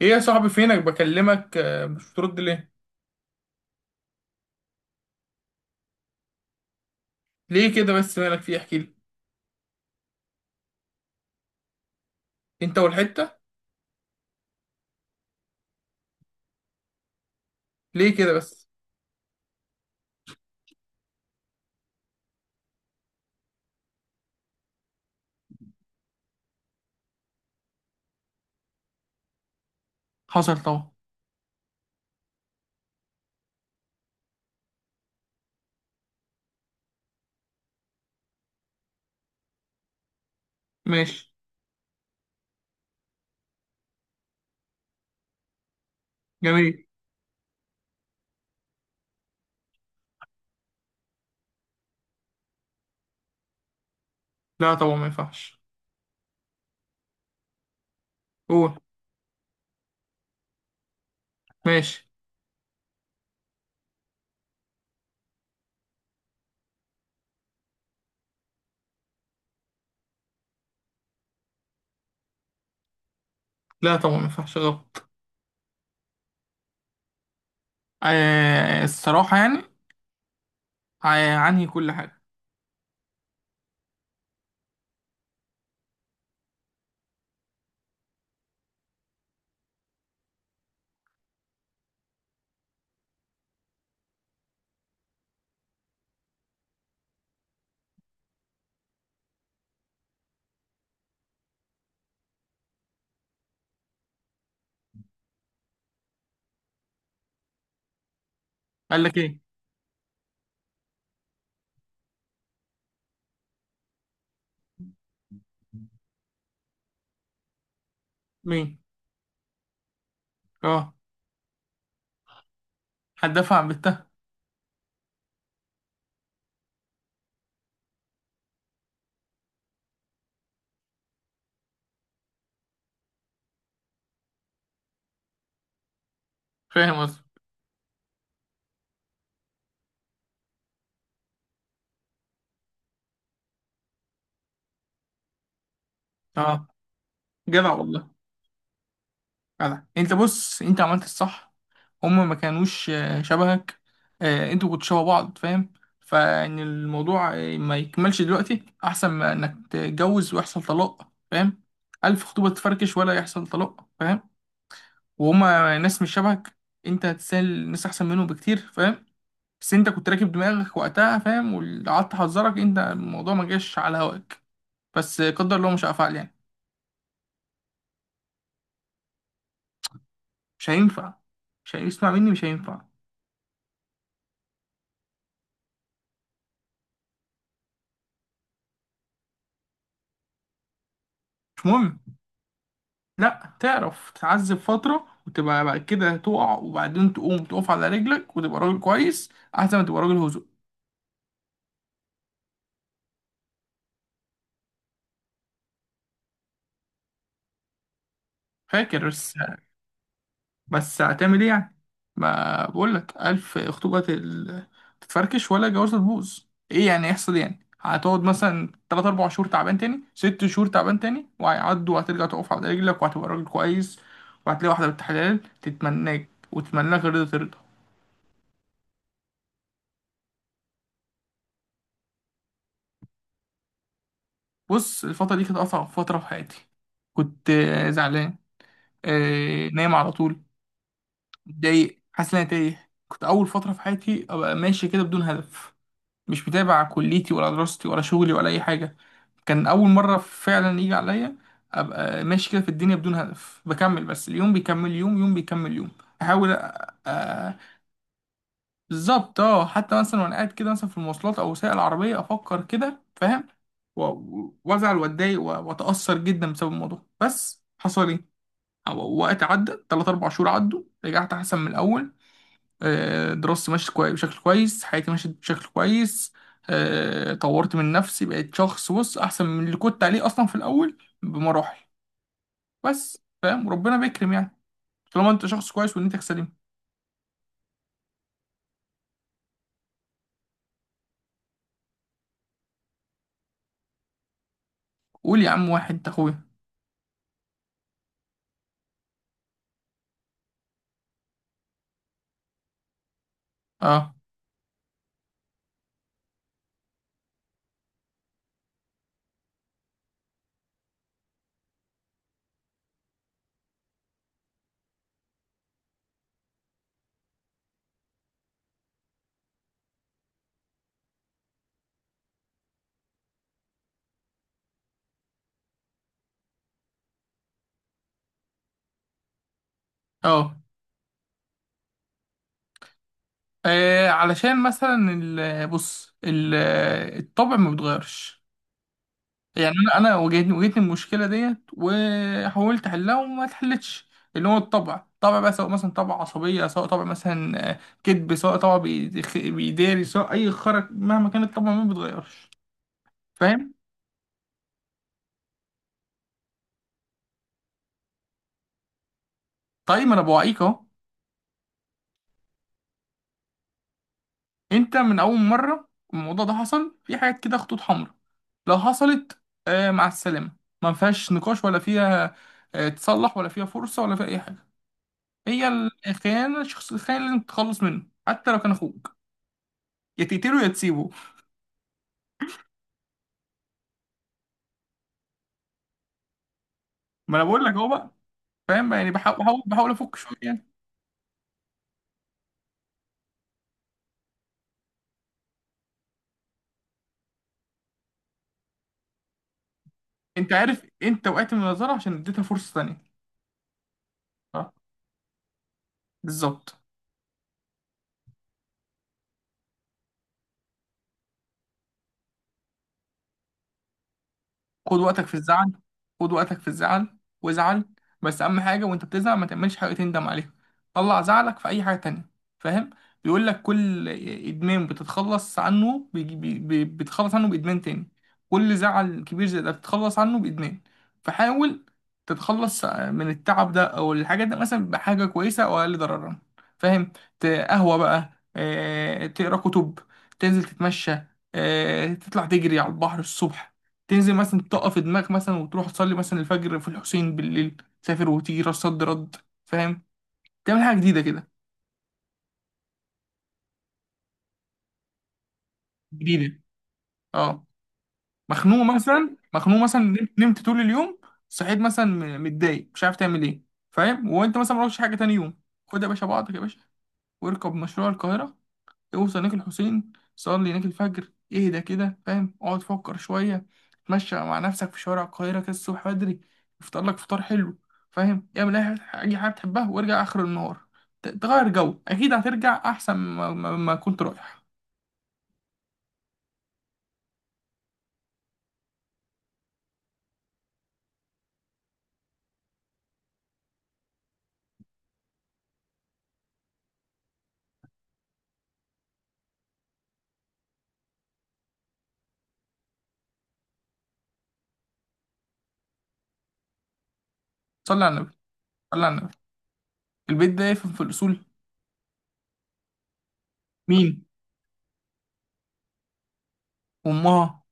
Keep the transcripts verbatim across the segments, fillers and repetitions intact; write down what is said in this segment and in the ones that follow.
ايه يا صاحبي؟ فينك؟ بكلمك، آه، مش بترد ليه؟ ليه كده بس؟ مالك فيه؟ احكي لي. انت والحته؟ ليه كده بس؟ حصل طبعا. ماشي. جميل. لا طبعا، ما ينفعش. قول. ماشي. لا طبعا ما ينفعش، غلط. آه، الصراحه يعني، آه، عنهي كل حاجه. قال لك ايه؟ مين؟ اه، هتدافع عن بنتها. فاهم قصدي. اه، جدع والله. جدع، انت بص، انت عملت الصح. هما ما كانوش آه، شبهك. آه، انتوا كنتوا شبه بعض، فاهم. فان الموضوع آه، ما يكملش دلوقتي، احسن ما انك تتجوز ويحصل طلاق، فاهم. الف خطوبة تفركش ولا يحصل طلاق، فاهم. وهما ناس مش شبهك. انت هتسال ناس احسن منهم بكتير، فاهم. بس انت كنت راكب دماغك وقتها، فاهم، واللي قعدت احذرك انت الموضوع ما جاش على هواك. بس آه، قدر الله مش هفعل يعني. مش هينفع، مش هيسمع مني، مش هينفع. مش مهم. لا، تعرف تتعذب فترة وتبقى بعد كده تقع، وبعدين تقوم تقف على رجلك وتبقى راجل كويس. أحسن ما تبقى راجل هزق. فاكر بس. بس هتعمل إيه يعني؟ ما بقولك ألف خطوبة تل- تتفركش ولا جوازة تبوظ. إيه يعني يحصل يعني، هتقعد مثلا تلات أربع شهور تعبان، تاني ست شهور تعبان، تاني وهيعدوا وهترجع تقف على رجلك وهتبقى راجل كويس. وهتلاقي واحدة بنت حلال تتمناك وتتمناك، رضا ترضى. بص، الفترة دي كانت أصعب فترة في حياتي. كنت زعلان، آه، نايم على طول، متضايق، حاسس ان انا تايه، كنت اول فتره في حياتي ابقى ماشي كده بدون هدف. مش متابع كليتي ولا دراستي ولا شغلي ولا اي حاجه. كان اول مره فعلا يجي عليا ابقى ماشي كده في الدنيا بدون هدف، بكمل بس اليوم بيكمل يوم، يوم بيكمل يوم. احاول أ- أ- بالظبط اه، حتى مثلا وانا قاعد كده مثلا في المواصلات او وسائل العربيه افكر كده، فاهم، و- و- وازعل واتضايق و- واتاثر جدا بسبب الموضوع، بس حصل ايه؟ أو- وقت عدى تلات أربع شهور عدوا، رجعت أحسن من الأول. آه، دراستي ماشية كوي- بشكل كويس، حياتي ماشية بشكل كويس. آه، طورت من نفسي، بقيت شخص، بص، أحسن من اللي كنت عليه أصلا في الأول بمراحل. بس فاهم، وربنا بيكرم يعني. طالما أنت شخص كويس ونيتك سليمة. قول يا عم، واحد أنت أخويا. أه. أه. آه، علشان مثلا ال- بص ال- الطبع ما بيتغيرش. يعني انا انا واجهتني واجهتني المشكله ديت، وحاولت احلها وما اتحلتش. اللي هو الطبع طبع بقى، سواء مثلا طبع عصبيه، سواء طبع مثلا آه، كذب، سواء طبع بيدخ- بيداري، سواء اي خرج، مهما كان الطبع ما بيتغيرش. فاهم. طيب ما انا بوعيك اهو. انت من اول مره الموضوع ده حصل في حاجات كده خطوط حمراء، لو حصلت، آه، مع السلامه، ما فيهاش نقاش ولا فيها آه، تصلح ولا فيها فرصه ولا فيها اي حاجه. هي الخيانه، الشخص الخاين لازم تتخلص منه حتى لو كان اخوك. يا تقتله يا تسيبه. ما انا بقول لك اهو بقى. فاهم بقى، يعني بحاول بحاول بحاول افك شويه يعني. انت عارف انت وقعت من النظاره عشان اديتها فرصه ثانيه. اه. بالظبط. خد وقتك في الزعل. خد وقتك في الزعل، وازعل. بس اهم حاجه وانت بتزعل ما تعملش حاجه تندم عليها. طلع زعلك في اي حاجه تانية، فاهم. بيقول لك كل ادمان بتتخلص عنه، بيجي- بي- بي- بتتخلص عنه بادمان تاني. كل زعل كبير زي ده بتتخلص عنه بادمان. فحاول تتخلص من التعب ده او الحاجات ده مثلا بحاجه كويسه او اقل ضررا، فاهم. ت- قهوه بقى، آه، تقرا كتب، تنزل تتمشى، آه، تطلع تجري على البحر الصبح، تنزل مثلا تقف دماغك مثلا وتروح تصلي مثلا الفجر في الحسين بالليل، تسافر وتيجي راس صد رد، فاهم، تعمل حاجه جديده كده، جديده. اه. مخنوق مثلا، مخنوق مثلا، نمت نمت طول اليوم، صحيت مثلا م- متضايق، مش عارف تعمل ايه، فاهم، وانت مثلا ما روحتش حاجه تاني يوم. خد يا باشا بعضك يا باشا، واركب مشروع القاهره، اوصل هناك الحسين، صلي هناك الفجر، اهدى كده، فاهم، اقعد فكر شوية، اتمشى مع نفسك في شوارع القاهرة كده الصبح بدري، افطر لك فطار حلو، فاهم، اعمل اي حاجة أي حاجة بتحبها، وارجع آخر النهار. ت- تغير جو، أكيد هترجع أحسن ما, ما, ما كنت رايح. صلي على النبي. صلي على النبي. البيت ده يفهم في الأصول. مين؟ أمها.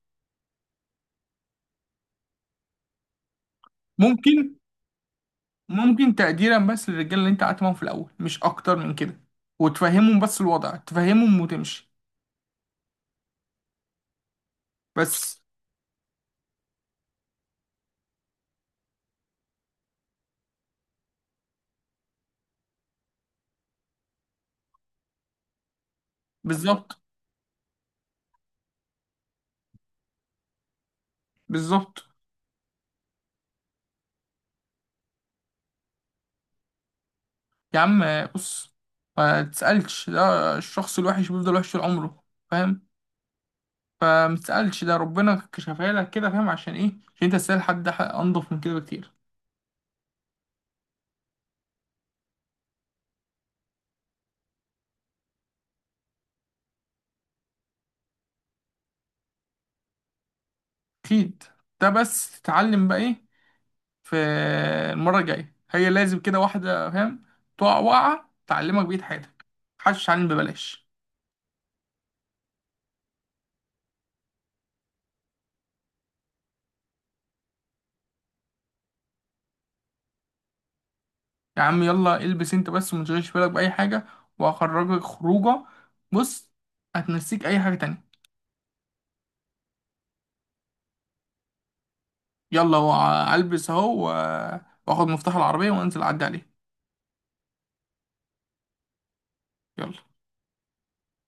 ممكن. ممكن تقديرا بس للرجالة اللي أنت قعدت معاهم في الأول، مش أكتر من كده. وتفهمهم بس الوضع، تفهمهم وتمشي، بس. بالظبط. بالظبط. يا عم، بص، ما تسألش، ده الشخص الوحش بيفضل وحش طول عمره، فاهم. فما تسألش، ده ربنا كشفها لك كده، فاهم، عشان ايه؟ عشان انت تسأل حد ح- انضف من كده بكتير. اكيد. ده بس تتعلم بقى ايه في المرة الجاية. هي لازم كده واحدة، فاهم، تقع وقعة تعلمك بقية حياتك. محدش يتعلم ببلاش. يا عم يلا البس انت بس، وما تشغلش بالك بأي حاجة، وهخرجك خروجة. بص، هتنسيك أي حاجة تانية. يلا، هو البس اهو و- واخد مفتاح العربية وانزل اعدي عليه. يلا.